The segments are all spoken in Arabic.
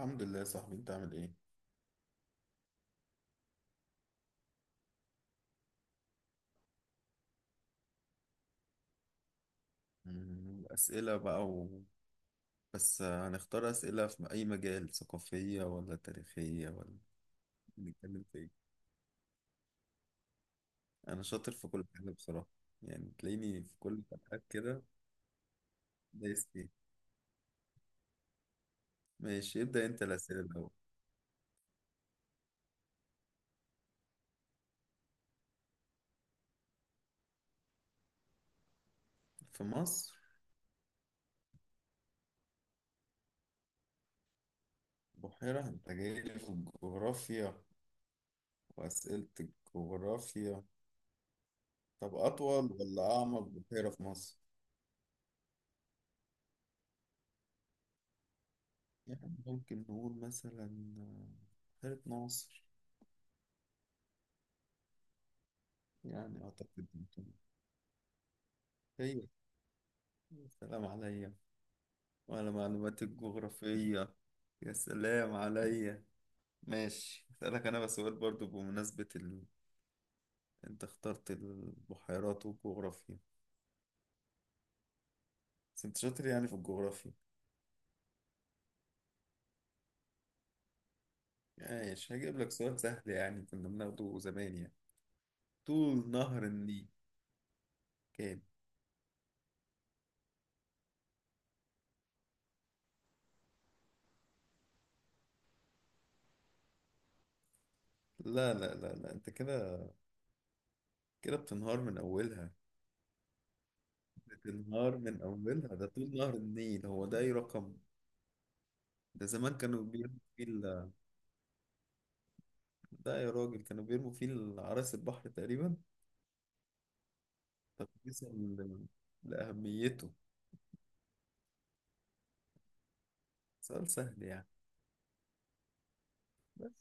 الحمد لله يا صاحبي، انت عامل ايه؟ اسئله بقى بس هنختار اسئله في اي مجال، ثقافيه ولا تاريخيه ولا نتكلم في ايه؟ انا شاطر في كل حاجه بصراحه، يعني تلاقيني في كل الحاجات كده. دايس فيه. ماشي، ابدا انت الاسئله الاول. في مصر؟ بحيره؟ انت جاي لي في الجغرافيا واسئله الجغرافيا. طب اطول ولا اعمق بحيره في مصر؟ يعني ممكن نقول مثلا آه، بحيره ناصر. يعني أعتقد ممكن. هي سلام عليا وعلى معلوماتي الجغرافية، يا سلام عليا. ماشي أسألك أنا بس سؤال برضو بمناسبة أنت اخترت البحيرات والجغرافيا، بس أنت شاطر يعني في الجغرافيا؟ ماشي هجيب لك سؤال سهل، يعني كنا بناخده زمان يعني. طول نهر النيل كام؟ لا لا لا لا، أنت كده كده بتنهار من أولها. بتنهار من أولها، ده طول نهر النيل، هو ده أي رقم؟ ده زمان كانوا بياخدوا فيه، ده يا راجل كانوا بيرموا فيه العرايس البحر تقريبا تقديسا لأهميته. سؤال سهل يعني بس.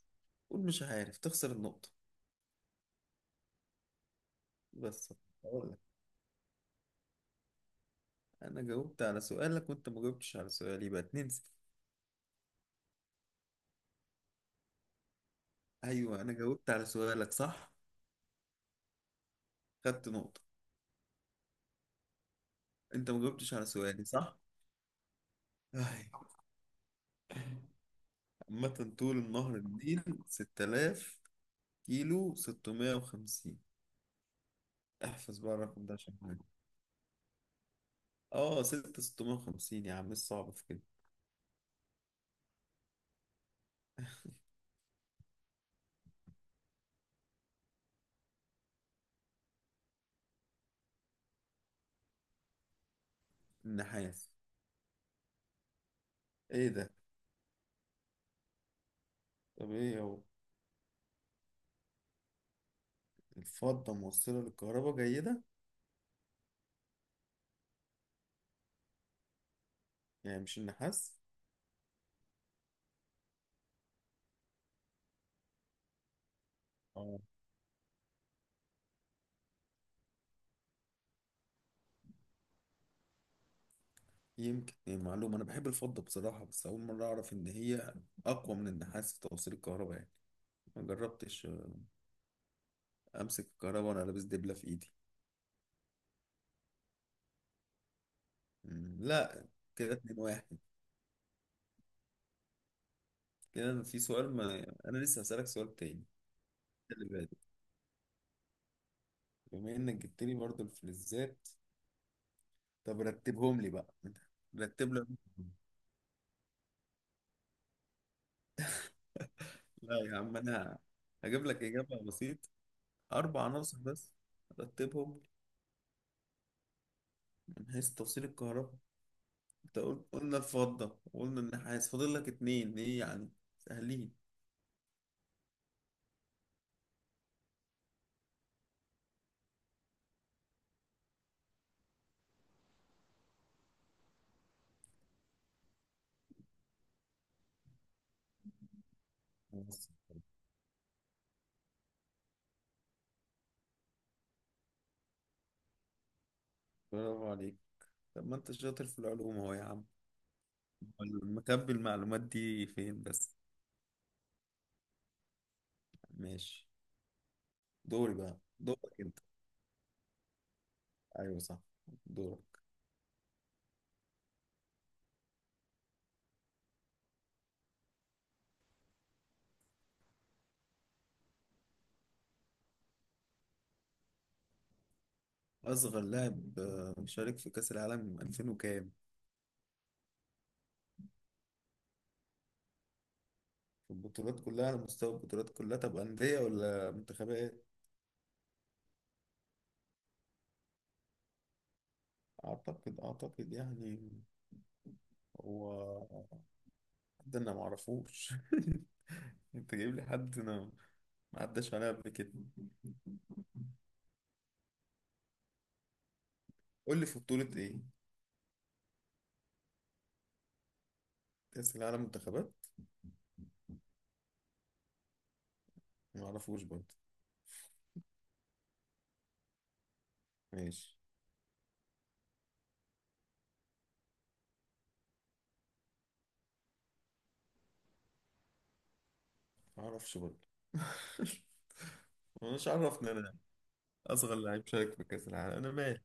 قول مش عارف، تخسر النقطة. بس أقول لك، أنا جاوبت على سؤالك وأنت ما جاوبتش على سؤالي، يبقى 2-0. أيوه، أنا جاوبت على سؤالك صح، خدت نقطة، أنت ما جاوبتش على سؤالي صح. أي، عامة طول النهر النيل 6000 كيلو 650. احفظ بقى الرقم ده عشان حاجة. أه 6650 يا عم، إيه الصعب في كده؟ النحاس. ايه ده؟ طب ايه هو؟ الفضة موصلة للكهرباء جيدة، يعني مش النحاس. اه، يمكن إيه معلومة، أنا بحب الفضة بصراحة، بس أول مرة أعرف إن هي أقوى من النحاس في توصيل الكهرباء يعني. ما جربتش أمسك الكهرباء وأنا لابس دبلة في إيدي. مم، لا. كده 2-1. كده أنا في سؤال، ما أنا لسه هسألك سؤال تاني اللي بعد. بما إنك جبت لي برضه الفلزات، طب رتبهم لي بقى. رتب لي. لا يا عم، أنا هجيب لك إجابة بسيطة، 4 عناصر بس. رتبهم من حيث توصيل الكهرباء. أنت قلنا الفضة وقلنا النحاس، فاضل لك اتنين إيه يعني، سهلين بس. برافو عليك. طب ما أنت شاطر في العلوم أهو يا عم، أمال مكب المعلومات دي فين بس؟ ماشي، دوري بقى. دورك أنت. ايوه صح، دورك. أصغر لاعب شارك في كأس العالم 2000 وكام؟ في البطولات كلها، على مستوى البطولات كلها، طب أندية ولا منتخبات؟ أعتقد يعني، هو، ده انا معرفوش. انت جايب لي حد انا ما عداش عليا قبل كده. قول لي في بطولة ايه؟ كأس العالم منتخبات؟ ما اعرفوش برضه. ماشي. ما اعرفش برضه. مش عارف ان انا اصغر لعيب شارك في كأس العالم انا مالي.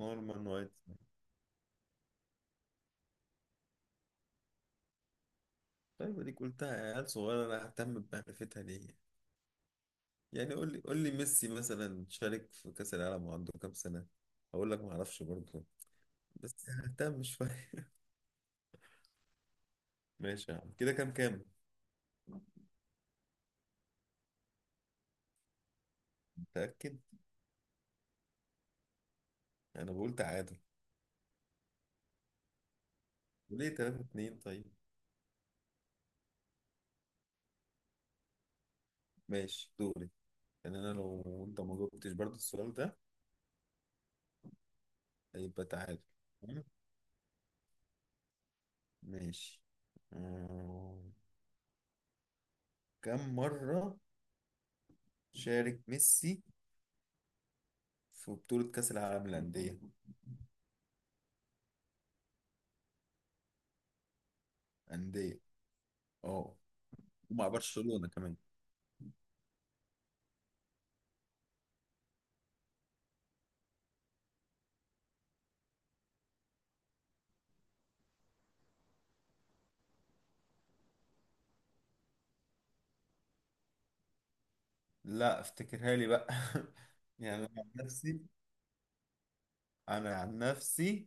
نورمان وايت. طيب اديك قلتها، يا عيال صغيرة انا ههتم بمعرفتها ليه؟ يعني قول لي، قول لي ميسي مثلا شارك في كأس العالم وعنده كام سنة؟ هقول لك ما اعرفش برضه، بس ههتم شوية. ماشي يا عم، كده كام؟ متأكد؟ انا بقول تعادل. ليه 3-2 طيب. ماشي، دوري. يعني أنا لو أنت ما جاوبتش برضه السؤال ده هيبقى تعادل، تمام؟ ماشي. آه، كم مرة شارك ميسي في بطولة كأس العالم للأندية؟ أندية، أه، ومع برشلونة كمان. لا، افتكرها لي بقى. يعني أنا عن نفسي، أنا عن نفسي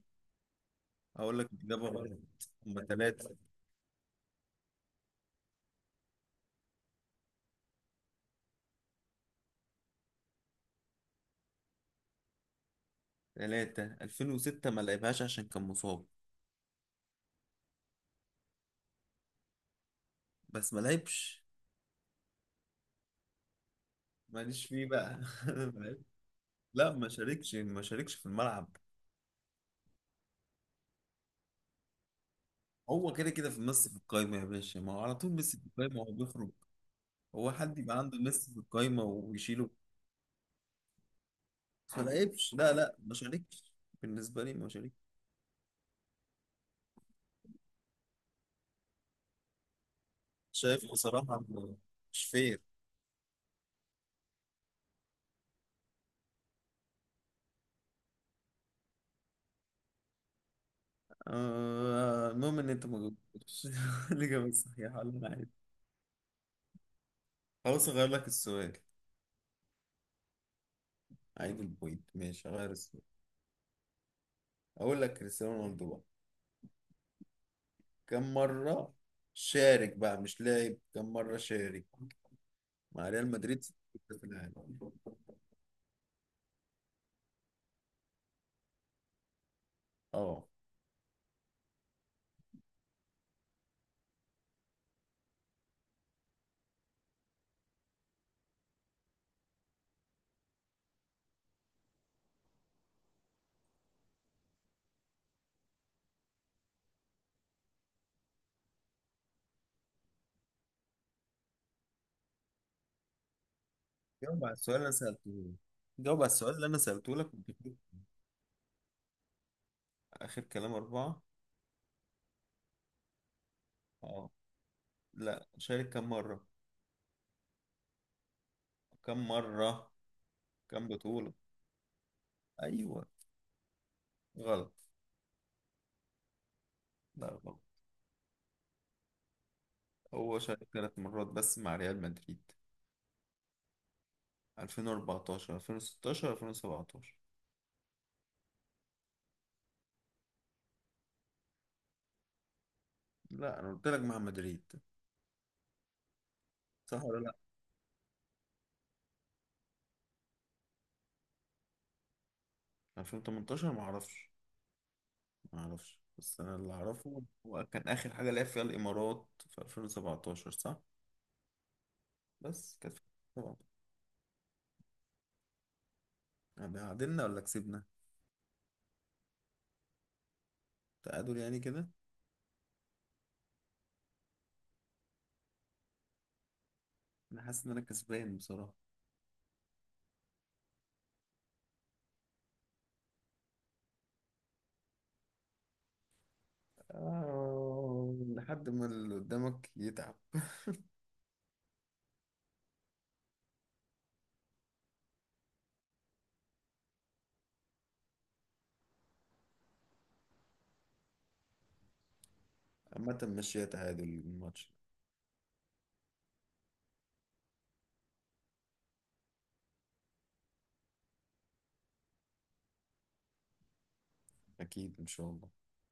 أقول لك الإجابة غلط. هما تلاتة. تلاتة، 2006 ما لعبهاش عشان كان مصاب، بس ما لعبش. ماليش فيه بقى. لا، ما شاركش، ما شاركش في الملعب. هو كده كده في ميسي في القايمة يا باشا، ما هو على طول ميسي في القايمة هو بيخرج. هو حد يبقى عنده ميسي في القايمة ويشيله؟ ما لعبش. لا لا، ما شاركش. بالنسبة لي ما شاركش. شايف بصراحة، مش فير. آه المهم إن أنت ما جاوبتش الإجابة الصحيحة، ولا أنا عادي. خلاص أغير لك السؤال. عيب البوينت، ماشي أغير السؤال. أقول لك كريستيانو رونالدو بقى، كم مرة شارك بقى، مش لاعب، كم مرة شارك مع ريال مدريد ستة في العالم. اه. جاوب على السؤال اللي انا سألته لك. جاوب على السؤال اللي انا سألته لك، كنت بتقول اخر كلام اربعة. اه. لا، شارك كم مرة، كم مرة كم بطولة؟ ايوه. غلط. لا غلط. هو شارك 3 مرات بس مع ريال مدريد، 2014، 2016، 2017. لا انا قلت لك مع مدريد. صح ولا لا؟ 2018 ما اعرفش. ما اعرفش، بس انا اللي اعرفه هو كان اخر حاجه لعب فيها الامارات في 2017 صح. بس كانت. طبعا. يعني عدلنا ولا كسبنا؟ تعادل يعني كده. انا حاسس ان انا كسبان بصراحة. آه لحد ما اللي قدامك يتعب. عامة مش تعادل الماتش. اكيد ان شاء الله.